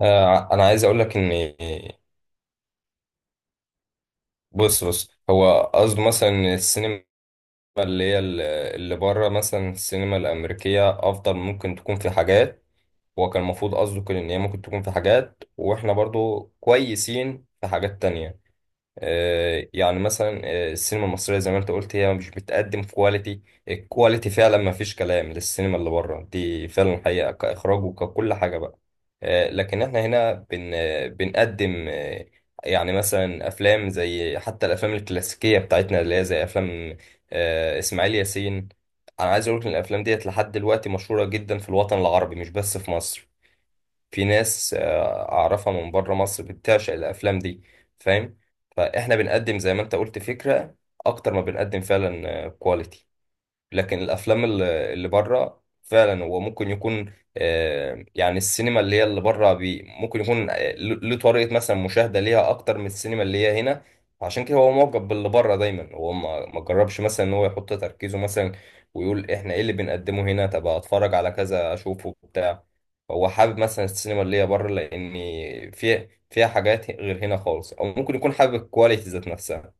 انا عايز اقول لك ان بص بص هو قصده مثلا إن السينما اللي هي اللي بره مثلا السينما الامريكيه افضل ممكن تكون في حاجات. هو كان المفروض قصده كده ان هي ممكن تكون في حاجات، واحنا برضو كويسين في حاجات تانية. يعني مثلا السينما المصرية زي ما انت قلت هي مش بتقدم كواليتي. الكواليتي فعلا ما فيش كلام للسينما اللي بره دي، فعلا حقيقة كإخراج وككل حاجة بقى. لكن احنا هنا بن آه، بنقدم آه، يعني مثلا أفلام زي حتى الأفلام الكلاسيكية بتاعتنا، اللي هي زي أفلام إسماعيل ياسين. أنا عايز أقول لك إن الأفلام ديت لحد دلوقتي مشهورة جدا في الوطن العربي، مش بس في مصر. في ناس أعرفها من بره مصر بتعشق الأفلام دي. فاهم؟ فإحنا بنقدم زي ما أنت قلت فكرة أكتر ما بنقدم فعلا كواليتي. لكن الافلام اللي بره فعلا هو ممكن يكون، يعني السينما اللي هي اللي بره بي ممكن يكون له طريقه مثلا مشاهده ليها اكتر من السينما اللي هي هنا. عشان كده هو معجب باللي بره دايما. هو ما جربش مثلا ان هو يحط تركيزه مثلا ويقول احنا ايه اللي بنقدمه هنا؟ طب اتفرج على كذا اشوفه بتاع. هو حابب مثلا السينما اللي هي بره لان فيها حاجات غير هنا خالص، او ممكن يكون حابب الكواليتي ذات نفسها.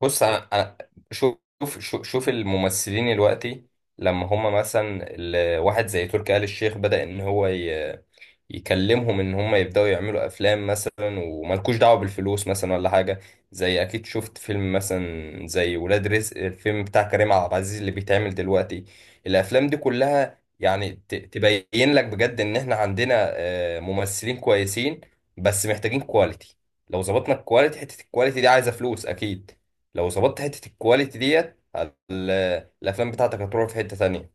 بص، شوف شوف شوف الممثلين دلوقتي. لما هم مثلا واحد زي تركي آل الشيخ بدأ ان هو يكلمهم ان هم يبداوا يعملوا افلام مثلا، وملكوش دعوه بالفلوس مثلا ولا حاجه. زي اكيد شفت فيلم مثلا زي ولاد رزق، الفيلم بتاع كريم عبد العزيز اللي بيتعمل دلوقتي. الافلام دي كلها يعني تبين لك بجد ان احنا عندنا ممثلين كويسين، بس محتاجين كواليتي. لو ظبطنا الكواليتي، حته الكواليتي دي عايزه فلوس اكيد. لو ظبطت حته الكواليتي ديت، الافلام بتاعتك هتروح في حته تانية.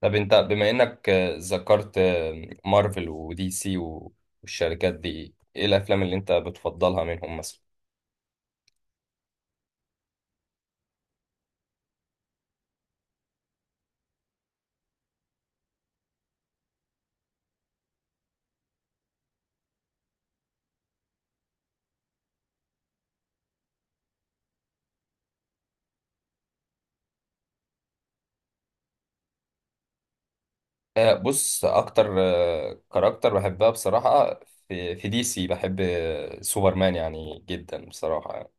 طب انت بما انك ذكرت مارفل ودي سي والشركات دي، ايه الافلام اللي انت بتفضلها منهم مثلا؟ بص، اكتر كاركتر بحبها بصراحة، في دي سي، بحب سوبرمان يعني جدا بصراحة يعني.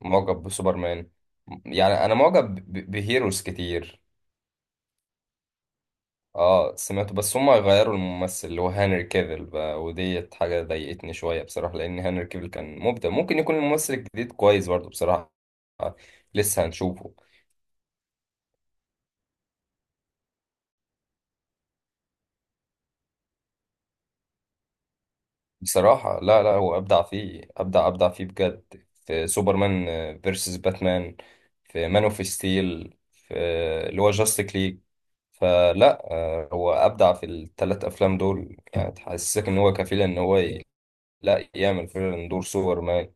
معجب بسوبرمان. يعني انا معجب بهيروز كتير. اه سمعته، بس هما غيروا الممثل اللي هو هنري كافيل بقى، وديت حاجة ضايقتني شوية بصراحة، لأن هنري كافيل كان مبدع. ممكن يكون الممثل الجديد كويس برضه بصراحة. لسه هنشوفه. بصراحة لا لا، هو أبدع فيه، أبدع أبدع فيه بجد في سوبرمان فيرسس باتمان، في مان اوف ستيل، في اللي هو جاستيك ليج. فلا، هو أبدع في الثلاث أفلام دول، يعني تحسسك إن هو كفيل إن هو لا يعمل فعلا دور سوبرمان.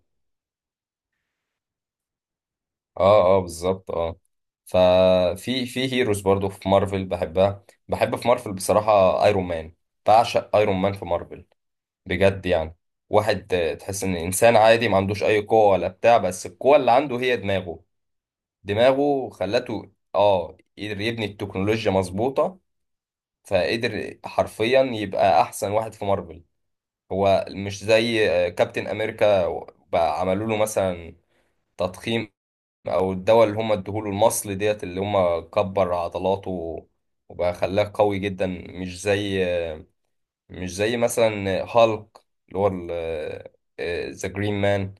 اه، اه، بالظبط، اه. ففي هيروز برضو في مارفل بحبها، بحب في مارفل بصراحة ايرون مان. بعشق ايرون مان في مارفل، بجد يعني. واحد تحس ان انسان عادي، ما عندوش اي قوة ولا بتاع، بس القوة اللي عنده هي دماغه. دماغه خلته، اه، قدر يبني التكنولوجيا مظبوطة. فقدر حرفيا يبقى احسن واحد في مارفل. هو مش زي كابتن امريكا، بقى عملوا له مثلا تضخيم، او الدواء اللي هم ادوه له، المصل ديت اللي هم كبر عضلاته، وبقى خلاه قوي جدا. مش زي مثلا هالك، اللي هو ذا جرين مان،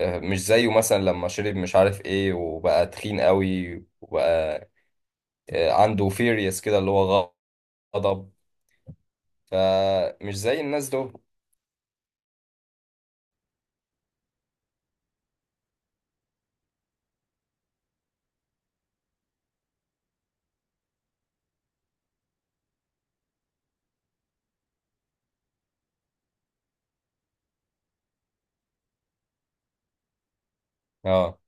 مش زيه مثلا لما شرب مش عارف ايه وبقى تخين قوي، وبقى عنده فيريس كده اللي هو غضب. فمش زي الناس دول. اه،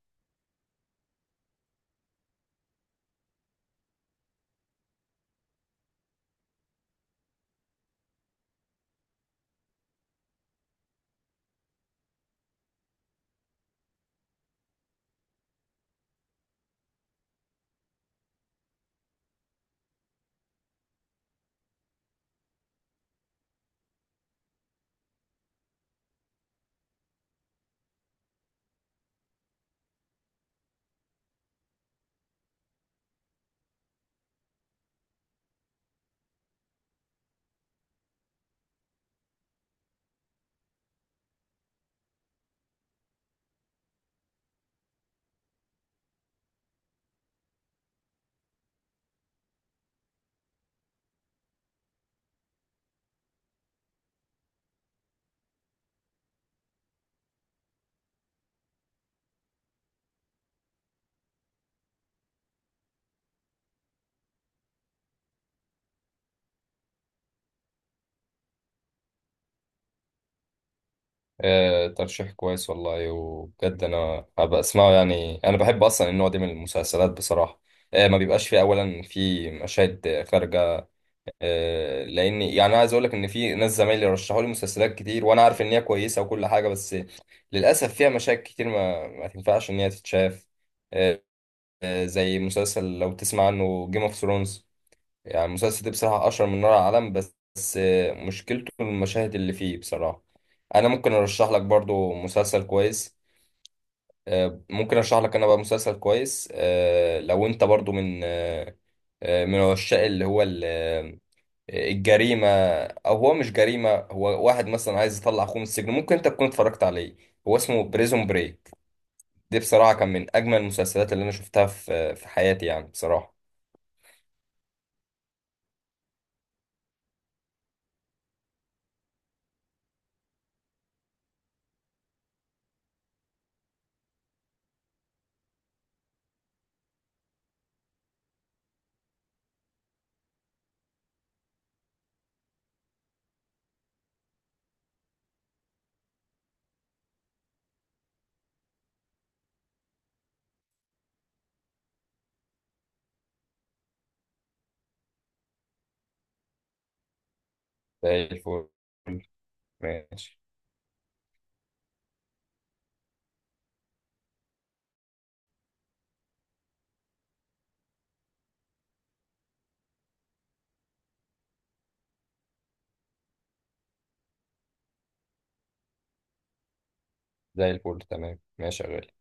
ترشيح كويس والله، وبجد انا هبقى اسمعه. يعني انا بحب اصلا النوع ده من المسلسلات بصراحه. ما بيبقاش فيه اولا في مشاهد خارجه. لان يعني انا عايز اقول لك ان في ناس زمايلي رشحوا لي مسلسلات كتير، وانا عارف ان هي كويسه وكل حاجه، بس للاسف فيها مشاهد كتير ما تنفعش ان هي تتشاف. آه، زي مسلسل لو تسمع عنه جيم اوف ثرونز. يعني المسلسل ده بصراحة أشهر من نار على العالم، بس بس مشكلته المشاهد اللي فيه بصراحة. أنا ممكن أرشح لك برضو مسلسل كويس. ممكن أرشح لك أنا بقى مسلسل كويس، لو أنت برضو من من عشاق اللي هو الجريمة. أو هو مش جريمة، هو واحد مثلا عايز يطلع أخوه من السجن. ممكن أنت تكون اتفرجت عليه. هو اسمه بريزون بريك. دي بصراحة كان من أجمل المسلسلات اللي أنا شفتها في حياتي، يعني بصراحة. زي الفل. ماشي. زي الفل، تمام، ماشي يا غالي.